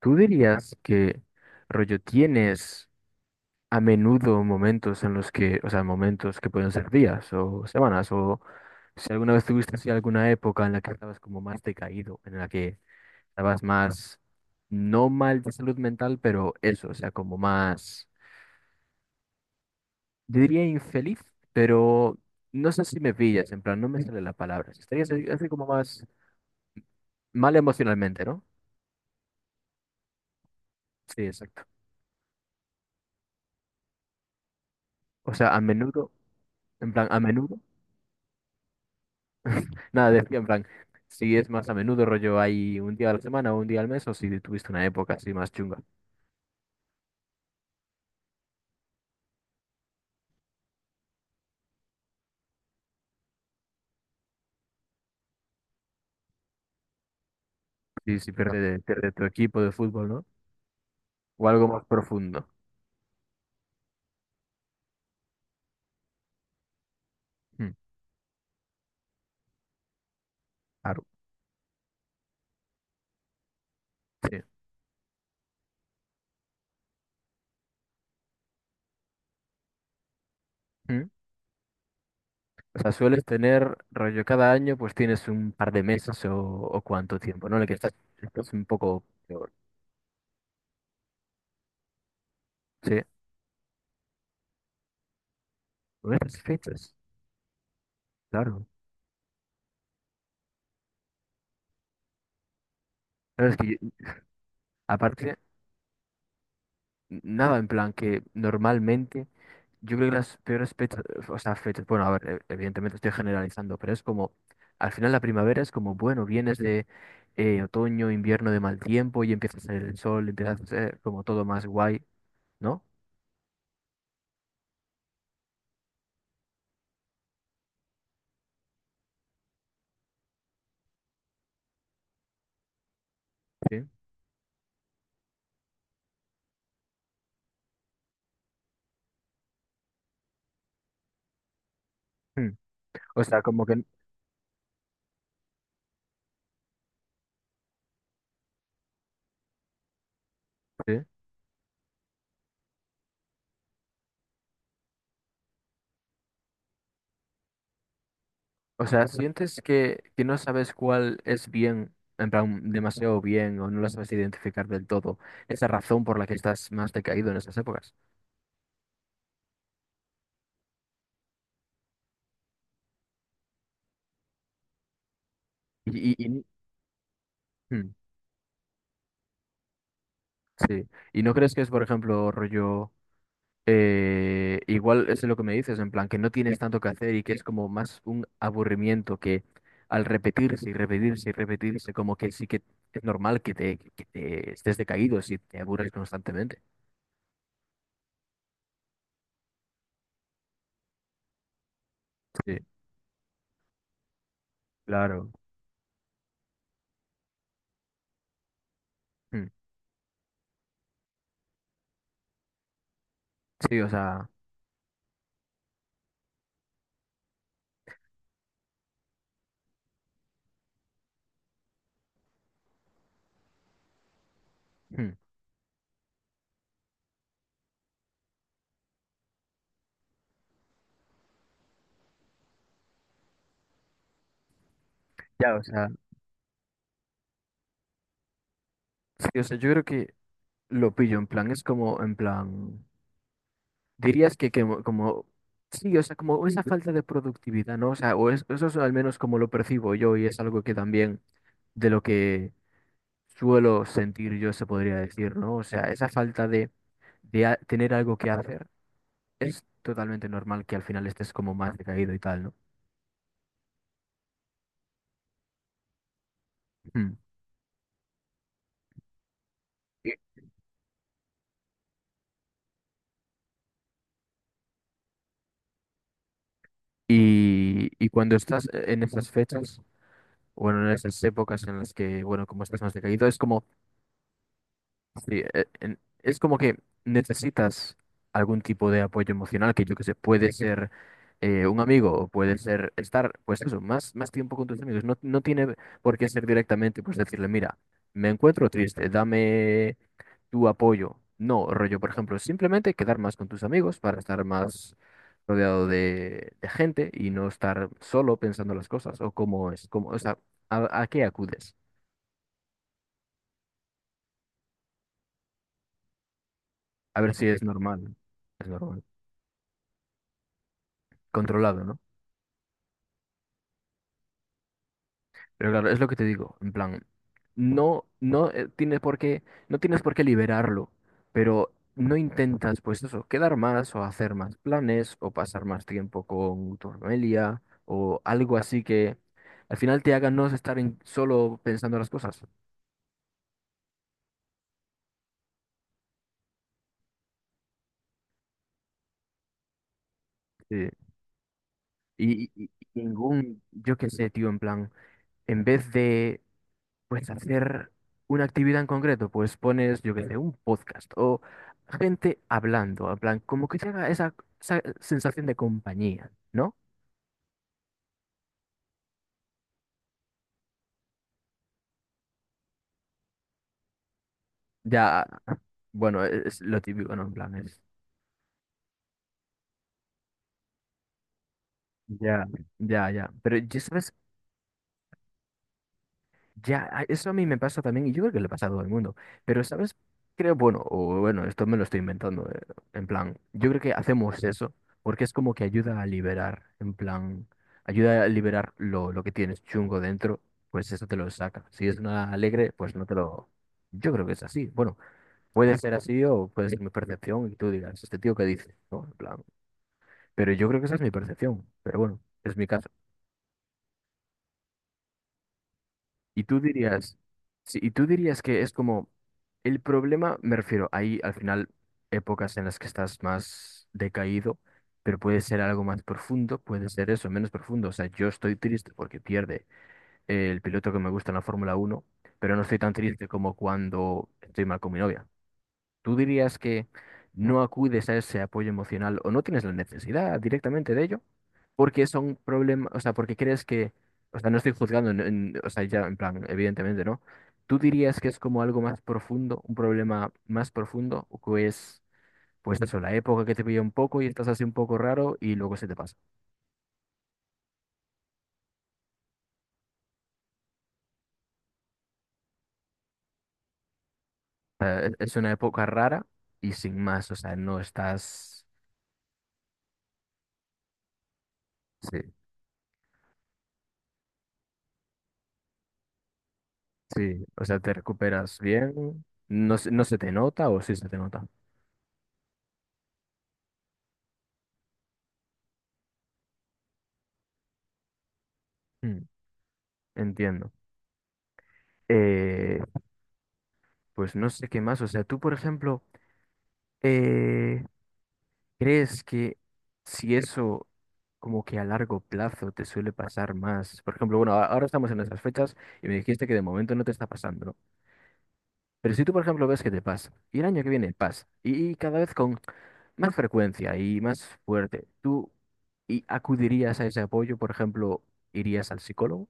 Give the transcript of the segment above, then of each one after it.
¿Tú dirías que rollo tienes a menudo momentos en los que, o sea, momentos que pueden ser días o semanas, o si alguna vez tuviste así alguna época en la que estabas como más decaído, en la que estabas más, no mal de salud mental, pero eso, o sea, como más, yo diría infeliz, pero no sé si me pillas, en plan, no me sale la palabra, si estarías así así como más mal emocionalmente, ¿no? Sí, exacto. O sea, a menudo, en plan, a menudo. Nada, decía en plan, si es más a menudo rollo hay un día a la semana o un día al mes, o si tuviste una época así más chunga. Si, si pierde, pierde tu equipo de fútbol, ¿no? O algo más profundo. Mm, claro, sí. Mm. O sea, sueles tener rollo cada año, pues tienes un par de meses o cuánto tiempo, ¿no? En el que estás, estás un poco peor. Sí, con estas fechas, claro. Claro, es que aparte, nada en plan que normalmente. Yo creo que las peores fechas, o sea, fechas, bueno, a ver, evidentemente estoy generalizando, pero es como, al final la primavera es como, bueno, vienes de otoño, invierno de mal tiempo y empieza a salir el sol, empieza a ser como todo más guay, ¿no? Sí. Mm. O sea, como que, sí. O sea, sientes que no sabes cuál es bien, en plan, demasiado bien, o no la sabes identificar del todo, esa razón por la que estás más decaído en esas épocas. Y, y, y- mm, sí. ¿Y no crees que es, por ejemplo, rollo... igual es lo que me dices, en plan que no tienes tanto que hacer y que es como más un aburrimiento que al repetirse y repetirse y repetirse, como que sí que es normal que te estés decaído si te aburres constantemente. Sí, claro. Mm, sí, o sea, mm, ya, o sea, sí, o sea, yo creo que lo pillo, en plan, es como, en plan, dirías que como, sí, o sea, como esa falta de productividad, ¿no? O sea, o eso es al menos como lo percibo yo y es algo que también de lo que suelo sentir yo, se podría decir, ¿no? O sea, esa falta de tener algo que hacer es totalmente normal que al final estés como más decaído y tal, ¿no? Mm. Y cuando estás en esas fechas, bueno, en esas épocas en las que, bueno, como estás más decaído, es como sí, es como que necesitas algún tipo de apoyo emocional, que yo que sé, puede ser un amigo o puede ser estar, pues eso, más, más tiempo con tus amigos. No, no tiene por qué ser directamente, pues decirle, mira, me encuentro triste, dame tu apoyo. No, rollo, por ejemplo, simplemente quedar más con tus amigos para estar más rodeado de gente y no estar solo pensando las cosas o cómo es, cómo, o sea, a qué acudes. A ver si es normal, es normal, controlado, ¿no? Pero claro, es lo que te digo, en plan, no, no tienes por qué, no tienes por qué liberarlo, pero no intentas, pues eso, quedar más o hacer más planes o pasar más tiempo con tu familia o algo así que al final te haga no estar solo pensando las cosas. Sí. Y ningún, yo qué sé, tío, en plan, en vez de pues hacer una actividad en concreto, pues pones, yo qué sé, un podcast o gente hablando, en plan, como que te esa, esa sensación de compañía, ¿no? Ya, bueno, es lo típico, ¿no? En plan, es, ya, ya, ya. Pero yo, ¿sabes? Ya, eso a mí me pasa también y yo creo que le pasa a todo el mundo. Pero, ¿sabes? Creo, bueno, o bueno, esto me lo estoy inventando. En plan, yo creo que hacemos eso porque es como que ayuda a liberar, en plan, ayuda a liberar lo que tienes chungo dentro, pues eso te lo saca. Si es una alegre, pues no te lo... Yo creo que es así. Bueno, puede ser así o puede ser mi percepción y tú digas, este tío que dice, ¿no? En plan, pero yo creo que esa es mi percepción. Pero bueno, es mi caso. Y tú dirías, sí, y tú dirías que es como el problema, me refiero, hay al final épocas en las que estás más decaído, pero puede ser algo más profundo, puede ser eso, menos profundo. O sea, yo estoy triste porque pierde el piloto que me gusta en la Fórmula Uno, pero no estoy tan triste como cuando estoy mal con mi novia. ¿Tú dirías que no acudes a ese apoyo emocional o no tienes la necesidad directamente de ello? Porque son problemas, o sea, porque crees que, o sea, no estoy juzgando, o sea, ya en plan, evidentemente, ¿no? ¿Tú dirías que es como algo más profundo, un problema más profundo, o que es, pues eso, la época que te pilla un poco y estás así un poco raro y luego se te pasa? O sea, es una época rara y sin más, o sea, no estás, sí, sí, o sea, te recuperas bien, no, no se te nota o sí se te nota. Mm. Entiendo. Eh, pues no sé qué más. O sea, tú, por ejemplo, eh, ¿crees que si eso como que a largo plazo te suele pasar más? Por ejemplo, bueno, ahora estamos en esas fechas y me dijiste que de momento no te está pasando, ¿no? Pero si tú, por ejemplo, ves que te pasa y el año que viene pasa y cada vez con más frecuencia y más fuerte, ¿tú y acudirías a ese apoyo? Por ejemplo, ¿irías al psicólogo?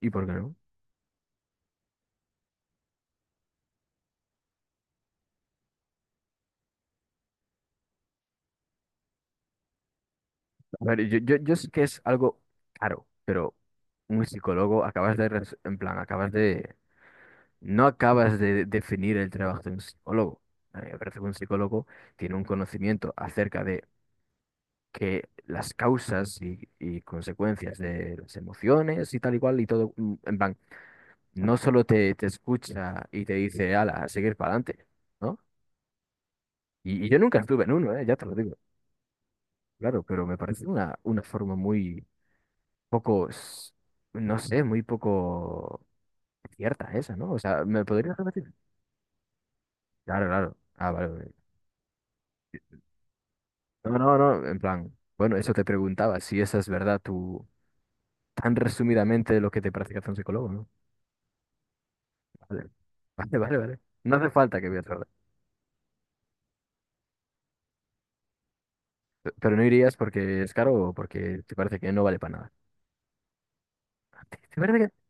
¿Y por qué no? A ver, yo sé que es algo caro, pero un psicólogo acabas de, en plan, acabas de, no acabas de definir el trabajo de un psicólogo. A mí me parece que un psicólogo tiene un conocimiento acerca de que las causas y consecuencias de las emociones y tal y cual y todo, mm, en plan, no solo te, te escucha y te dice, ala, a seguir para adelante, ¿no? Y yo nunca estuve en uno, ¿eh? Ya te lo digo, claro, pero me parece una forma muy pocos, no sé, muy poco cierta esa, ¿no? O sea, ¿me podrías repetir? Claro, claro. Ah, vale, vale. No, no, no, en plan, bueno, eso te preguntaba, si esa es verdad tú, tan resumidamente lo que te practicas un psicólogo, ¿no? Vale, vale, vale, vale. No hace falta que veas, ¿verdad? Pero no irías porque es caro o porque te parece que no vale para nada. ¿Te te parece que...?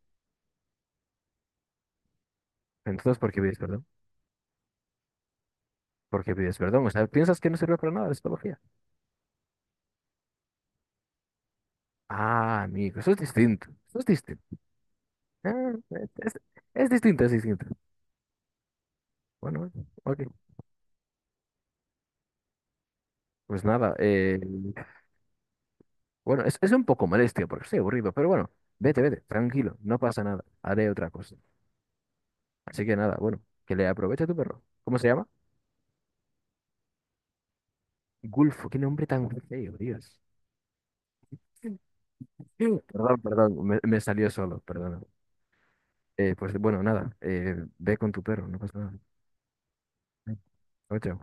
Entonces, ¿por qué pides perdón? ¿Por qué pides perdón? O sea, ¿piensas que no sirve para nada la psicología? Ah, amigo, eso es distinto. Eso es distinto. Ah, es, es- es distinto, es distinto. Bueno, bueno, ok. Pues nada, bueno, es un poco molesto porque estoy aburrido, pero bueno, vete, vete, tranquilo, no pasa nada, haré otra cosa. Así que nada, bueno, que le aproveche a tu perro. ¿Cómo se llama? Gulfo, qué nombre tan feo, Dios. Perdón, perdón, me salió solo, perdón. Pues bueno, nada, ve con tu perro, no pasa nada. Chao, chao.